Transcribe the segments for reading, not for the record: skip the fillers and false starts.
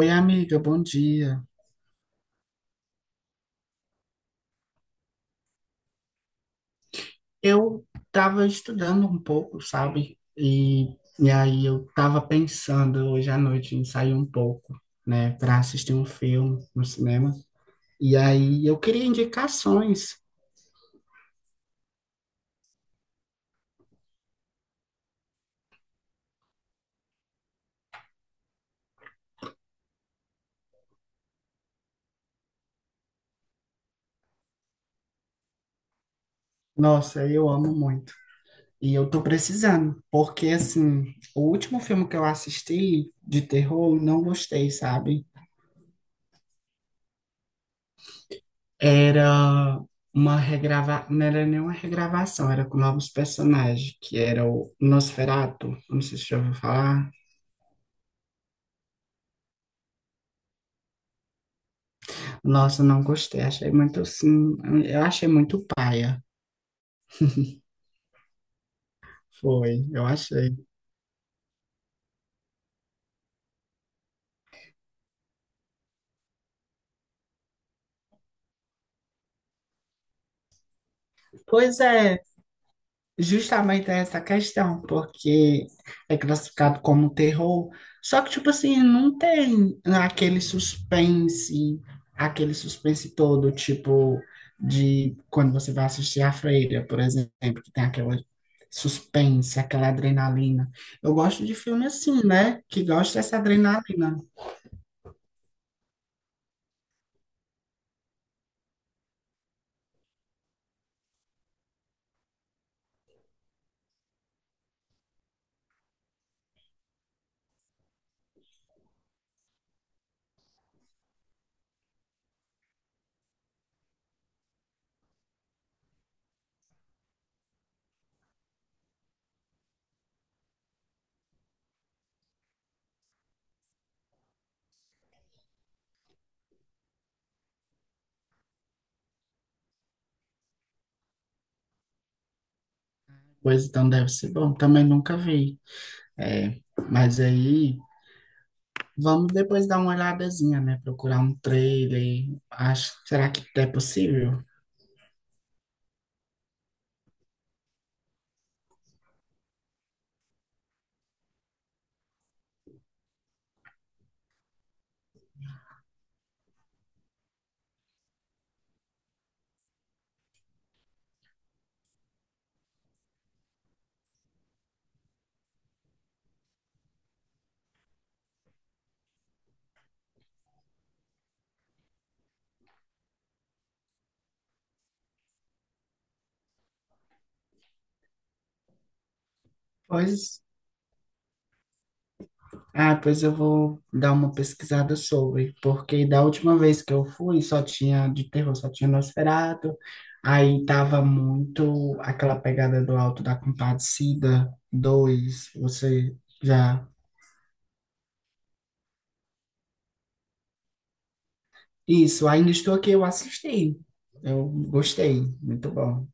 Oi, amiga, bom dia. Eu estava estudando um pouco, sabe? E aí eu estava pensando hoje à noite em sair um pouco, né, para assistir um filme no cinema. E aí eu queria indicações. Nossa, eu amo muito. E eu tô precisando, porque assim, o último filme que eu assisti de terror, eu não gostei, sabe? Era uma regrava... Não era nenhuma regravação, era com novos personagens, que era o Nosferatu, não sei se você já ouviu falar. Nossa, não gostei, achei muito, sim, eu achei muito paia. Foi, eu achei. Pois é, justamente essa questão, porque é classificado como terror, só que, tipo assim, não tem aquele suspense todo, tipo, de quando você vai assistir A Freira, por exemplo, que tem aquela suspense, aquela adrenalina. Eu gosto de filme assim, né? Que gosta dessa adrenalina. Pois então deve ser bom, também nunca vi. É, mas aí. Vamos depois dar uma olhadazinha, né? Procurar um trailer. Acho, será que é possível? Pois, ah, pois eu vou dar uma pesquisada sobre, porque da última vez que eu fui só tinha de terror, só tinha Nosferatu. Aí tava muito aquela pegada do Alto da Compadecida dois. Você já. Isso, ainda estou aqui, eu assisti. Eu gostei, muito bom.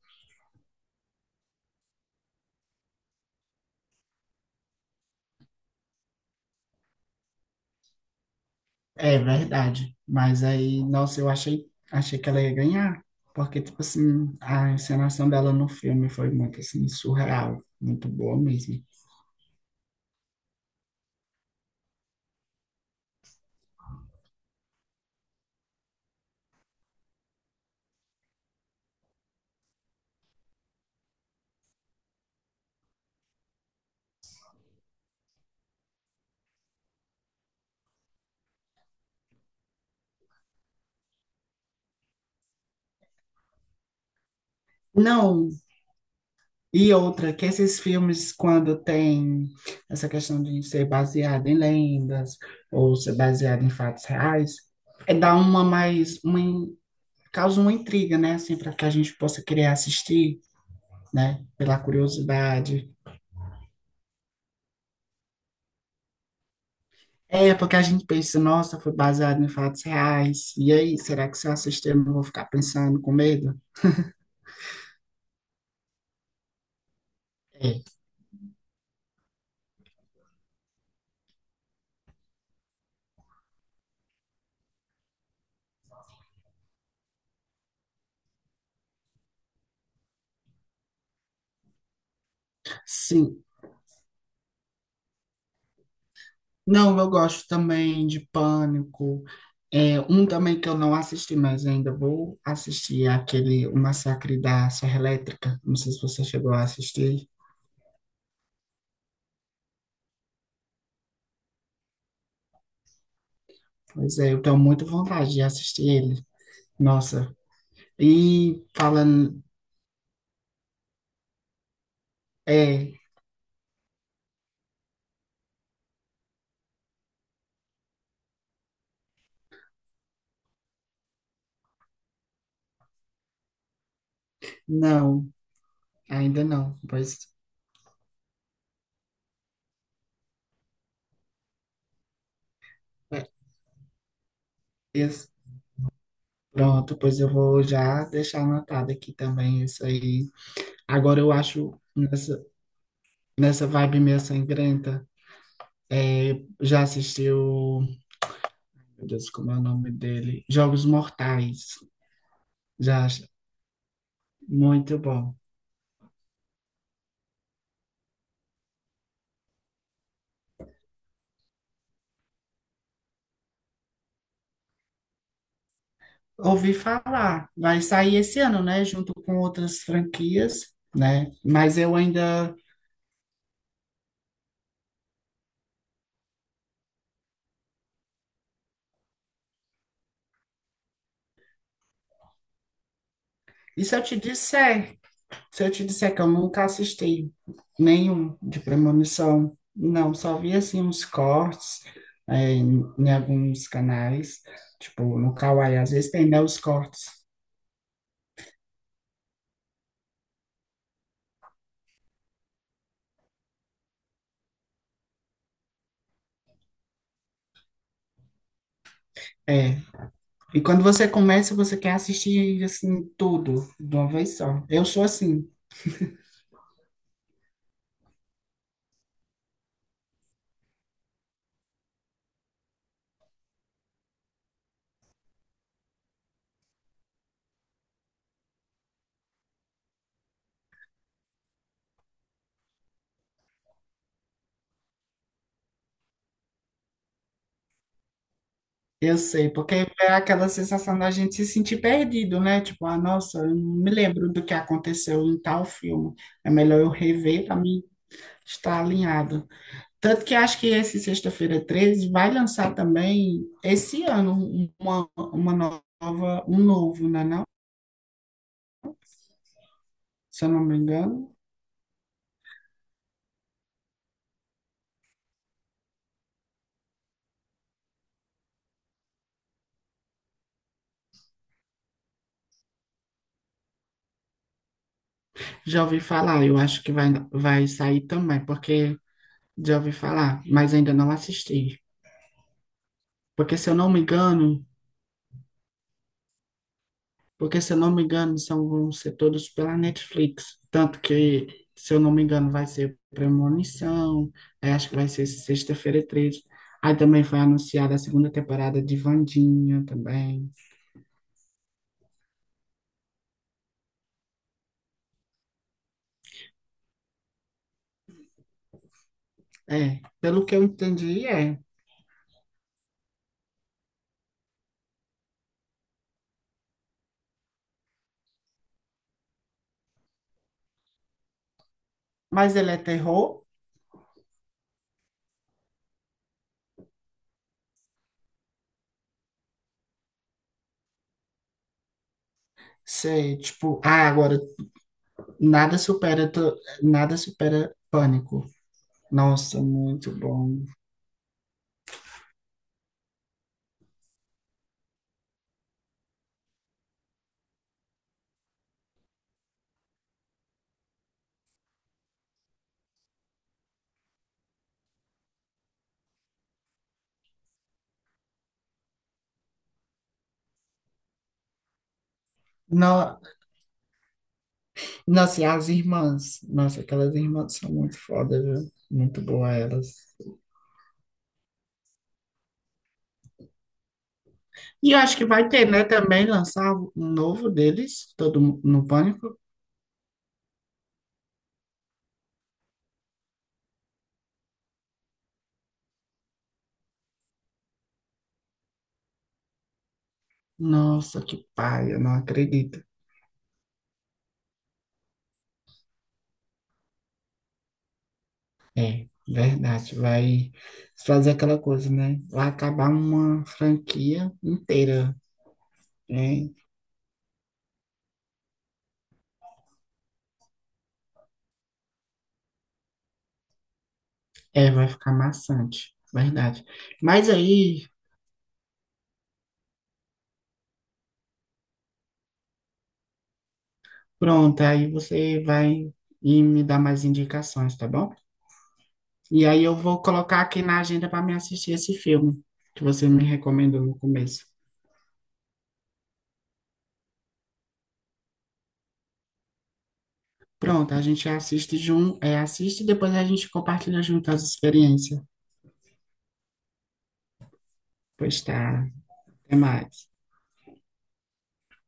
É verdade. Mas aí, nossa, eu achei, achei que ela ia ganhar, porque, tipo assim, a encenação dela no filme foi muito, assim, surreal, muito boa mesmo. Não, e outra, que esses filmes, quando tem essa questão de ser baseado em lendas ou ser baseado em fatos reais, é dá uma mais, uma, causa uma intriga, né, assim, para que a gente possa querer assistir, né, pela curiosidade. É, porque a gente pensa, nossa, foi baseado em fatos reais. E aí, será que se eu assistir eu não vou ficar pensando com medo? É. Sim. Não, eu gosto também de Pânico. É, um também que eu não assisti, mas ainda vou assistir é aquele O Massacre da Serra Elétrica. Não sei se você chegou a assistir. Pois é, eu tenho muita vontade de assistir ele. Nossa. E falando. É, não, ainda não. Pois é, esse- pronto, pois eu vou já deixar anotado aqui também isso aí. Agora eu acho nessa, nessa vibe meio sangrenta. É, já assistiu, meu Deus, como é o nome dele? Jogos Mortais. Já, acho- muito bom. Ouvi falar, vai sair esse ano, né? Junto com outras franquias, né? Mas eu ainda. E se eu te disser Se eu te disser que eu nunca assisti nenhum de premonição, não, só vi assim uns cortes, em, em alguns canais, tipo no Kawaii, às vezes tem né, os cortes. É. E quando você começa, você quer assistir assim tudo de uma vez só. Eu sou assim, eu sei, porque é aquela sensação da gente se sentir perdido, né? Tipo, ah, nossa, eu não me lembro do que aconteceu em tal filme. É melhor eu rever para mim estar alinhado. Tanto que acho que esse Sexta-feira 13 vai lançar também esse ano uma nova, um novo, né, não? Se eu não me engano. Já ouvi falar, eu acho que vai, vai sair também, porque já ouvi falar, mas ainda não assisti. Porque se eu não me engano, porque se eu não me engano, são, vão ser todos pela Netflix. Tanto que, se eu não me engano, vai ser Premonição, aí acho que vai ser Sexta-feira 13. Aí também foi anunciada a segunda temporada de Vandinha também. É, pelo que eu entendi, é. Mas ele é terror, sei, tipo, ah, agora nada supera, nada supera pânico. Nossa, muito bom. No, nossa, e as irmãs, nossa, aquelas irmãs são muito foda, viu? Muito boa elas. E eu acho que vai ter, né, também lançar um novo deles, no pânico. Nossa, que paia, não acredito. É, verdade. Vai fazer aquela coisa, né? Vai acabar uma franquia inteira, né? É, vai ficar maçante, verdade. Mas aí, pronto, aí você vai e me dar mais indicações, tá bom? E aí eu vou colocar aqui na agenda para me assistir esse filme que você me recomendou no começo. Pronto, a gente assiste junto, é, assiste e depois a gente compartilha junto as experiências. Pois tá, até mais.